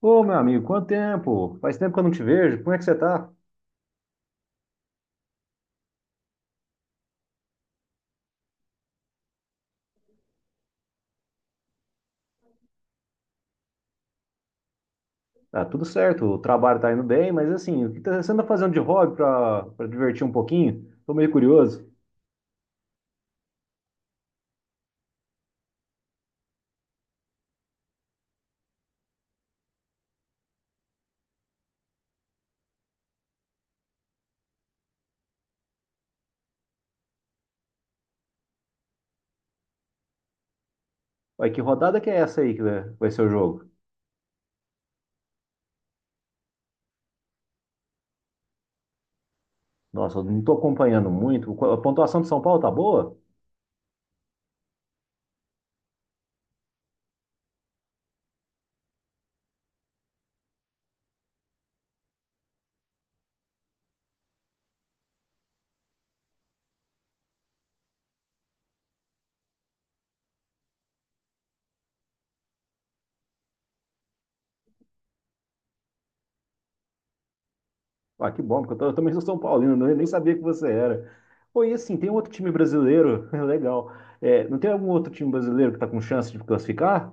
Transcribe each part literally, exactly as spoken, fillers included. Ô, meu amigo, quanto tempo? Faz tempo que eu não te vejo. Como é que você tá? Tá tudo certo, o trabalho tá indo bem, mas assim, o que tá- você anda fazendo de hobby pra, pra divertir um pouquinho? Tô meio curioso. Vai, que rodada que é essa aí que vai vai ser o jogo? Nossa, eu não tô acompanhando muito. Qu- A pontuação de São Paulo tá boa? Ah, que bom, porque eu, tô- eu também sou São Paulino, né? Eu nem sabia que você era. Pô, e assim, tem outro time brasileiro, legal. É, não tem algum outro time brasileiro que tá com chance de classificar?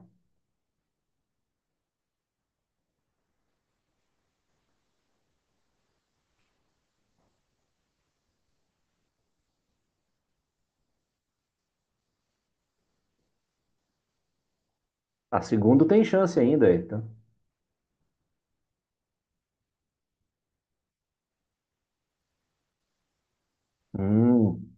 A segunda tem chance ainda, então. Hum.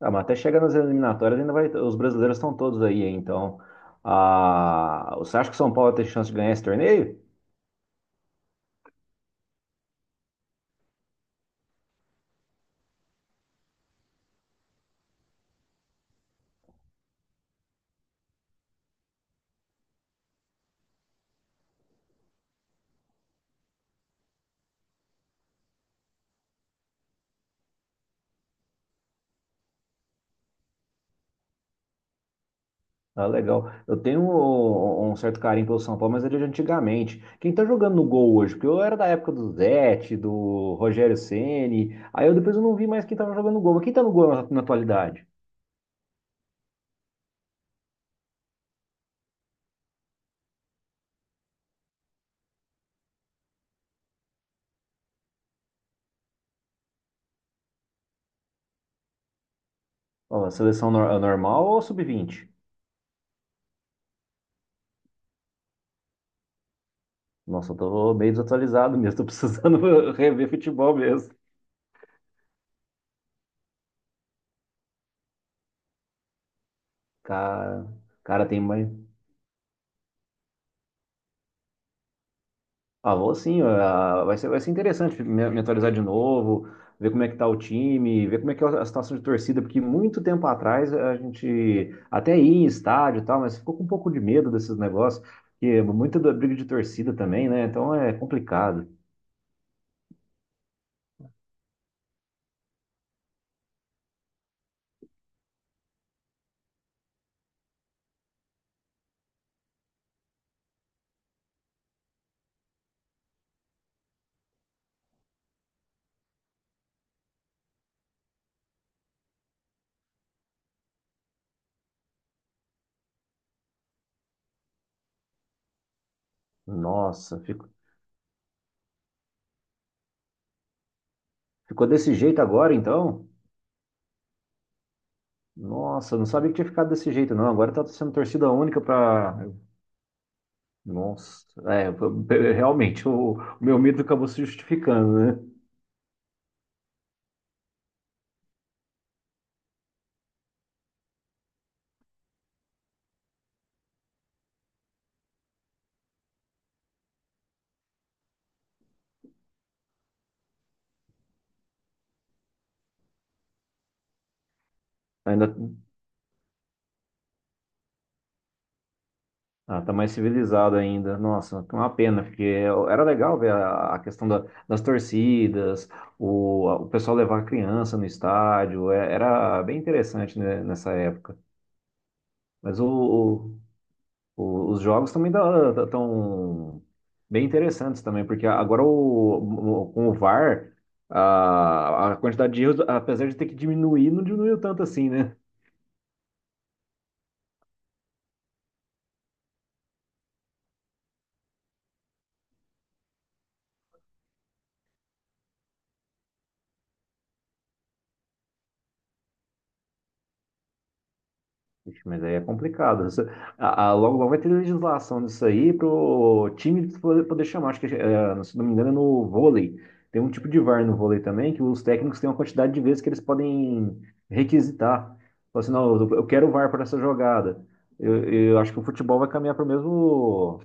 Ah, mas até chegar nas eliminatórias, ainda vai. Os brasileiros estão todos aí, hein? Então. Ah, você acha que o São Paulo tem chance de ganhar esse torneio? Ah, legal. Eu tenho um, um certo carinho pelo São Paulo, mas é de antigamente. Quem tá jogando no gol hoje? Porque eu era da época do Zete, do Rogério Ceni. Aí eu depois eu não vi mais quem tava jogando no gol. Mas quem tá no gol na, na atualidade? Ó, a seleção nor- normal ou sub vinte? Nossa, eu tô meio desatualizado mesmo. Tô precisando rever futebol mesmo. Cara, cara tem mais. Ah, vou sim, ah, vai ser, vai ser interessante me, me atualizar de novo, ver como é que tá o time, ver como é que é a situação de torcida, porque muito tempo atrás a gente até ia em estádio e tal, mas ficou com um pouco de medo desses negócios, porque muita da briga de torcida também, né? Então é complicado. Nossa, fico- ficou desse jeito agora então? Nossa, eu não sabia que tinha ficado desse jeito não, agora tá sendo torcida única para... Nossa, é, realmente, o, o meu medo acabou se justificando, né? Ainda Ah, tá mais civilizado ainda. Nossa, que uma pena, porque era legal ver a, a questão da- das torcidas, o, o pessoal levar a criança no estádio, é- era bem interessante, né, nessa época. Mas o, o- o- os jogos também estão bem interessantes também, porque agora o, o- com o V A R, a, R, a a quantidade de erros, apesar de ter que diminuir, não diminuiu tanto assim, né? Ixi, mas aí é complicado. Isso- a- a- logo, logo vai ter legislação disso aí para o time poder, poder chamar. Acho que, eh, se não me engano, é no vôlei. Tem um tipo de V A R no vôlei também, que os técnicos têm uma quantidade de vezes que eles podem requisitar. Falar assim, não, eu eu quero o V A R para essa jogada. Eu, eu acho que o futebol vai caminhar para o mesmo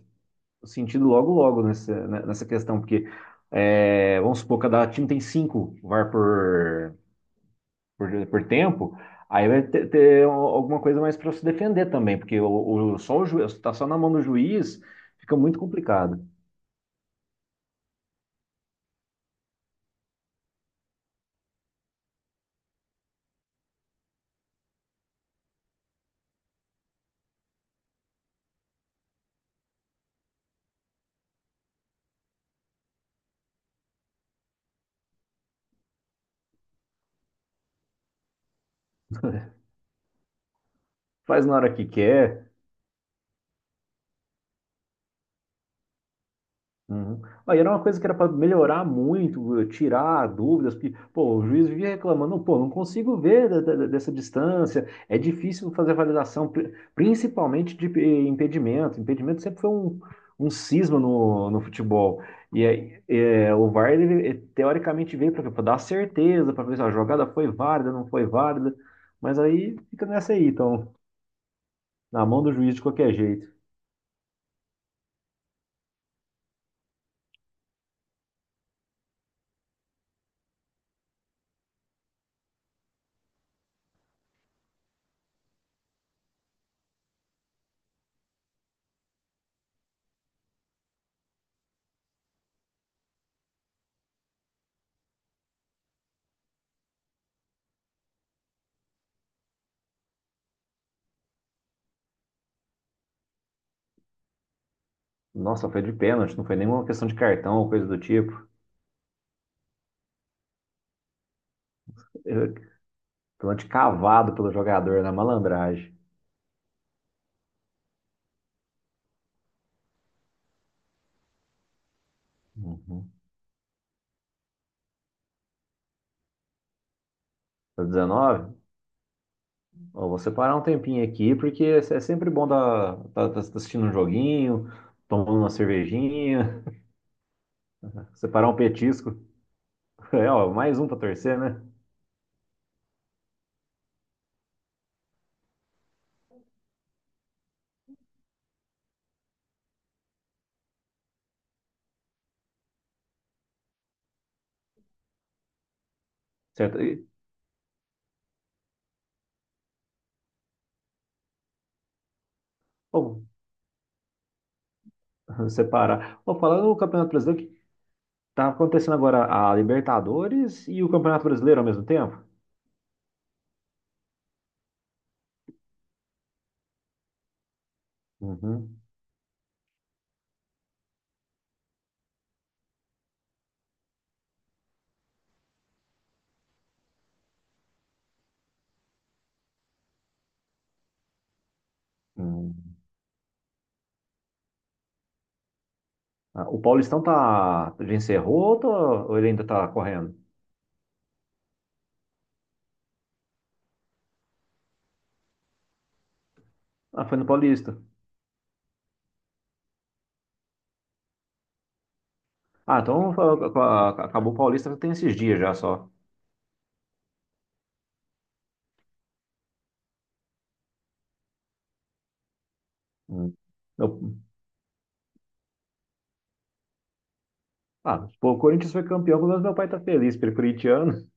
sentido logo, logo nessa, né, nessa questão, porque, eh, vamos supor, cada time tem cinco V A R por, por, por tempo, aí vai ter, ter alguma coisa mais para se defender também, porque o, o, só o juiz, tá só na mão do juiz, fica muito complicado. Faz na hora que quer. Uhum. Aí era uma coisa que era para melhorar muito, eh, tirar dúvidas, porque, pô, o juiz vivia reclamando, pô, não consigo ver da- da- dessa distância, é difícil fazer a validação, pri- principalmente de eh, impedimento. Impedimento sempre foi um, um cisma no, no futebol. E aí, eh, o V A R, ele, eh, teoricamente, veio para dar certeza, para ver se a jogada foi válida, não foi válida, mas aí fica nessa aí, então, na mão do juiz de qualquer jeito. Nossa, foi de pênalti, não foi nenhuma questão de cartão ou coisa do tipo. Pênalti cavado pelo jogador na malandragem. Uhum. Tá dezenove? Ó, vou separar um tempinho aqui, porque é sempre bom tá, tá, tá assistindo um joguinho, tomando uma cervejinha, separar um petisco. É, ó, mais um pra torcer, né? Certo? E, ó, separar. Ó, falando do Campeonato Brasileiro, que tá acontecendo agora a Libertadores e o Campeonato Brasileiro ao mesmo tempo? Uhum. Hum. Ah, o Paulistão tá, já encerrou ou, tá- ou ele ainda tá correndo? Ah, foi no Paulista. Ah, então a- a- acabou o Paulista tem esses dias já só. Hum. Eu- ah, pô, o Corinthians foi campeão, pelo menos meu pai tá feliz, porque ele é corintiano.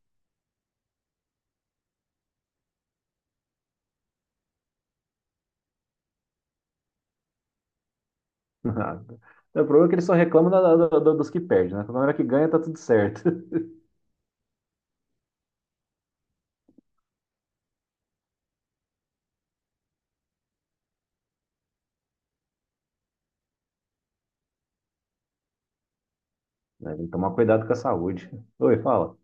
O problema é que ele só reclama da- da- da- dos que perdem, né? Na hora que ganha tá tudo certo. Né, tem que tomar cuidado com a saúde. Oi, fala.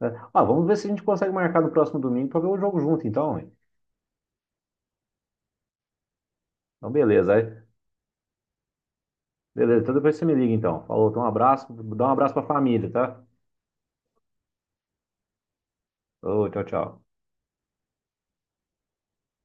É, ah, vamos ver se a gente consegue marcar no próximo domingo pra ver o jogo junto, então, hein? Então, beleza. aí- Beleza, então depois você me liga, então. Falou, então um abraço, dá um abraço pra família, tá? Ô, tchau, tchau.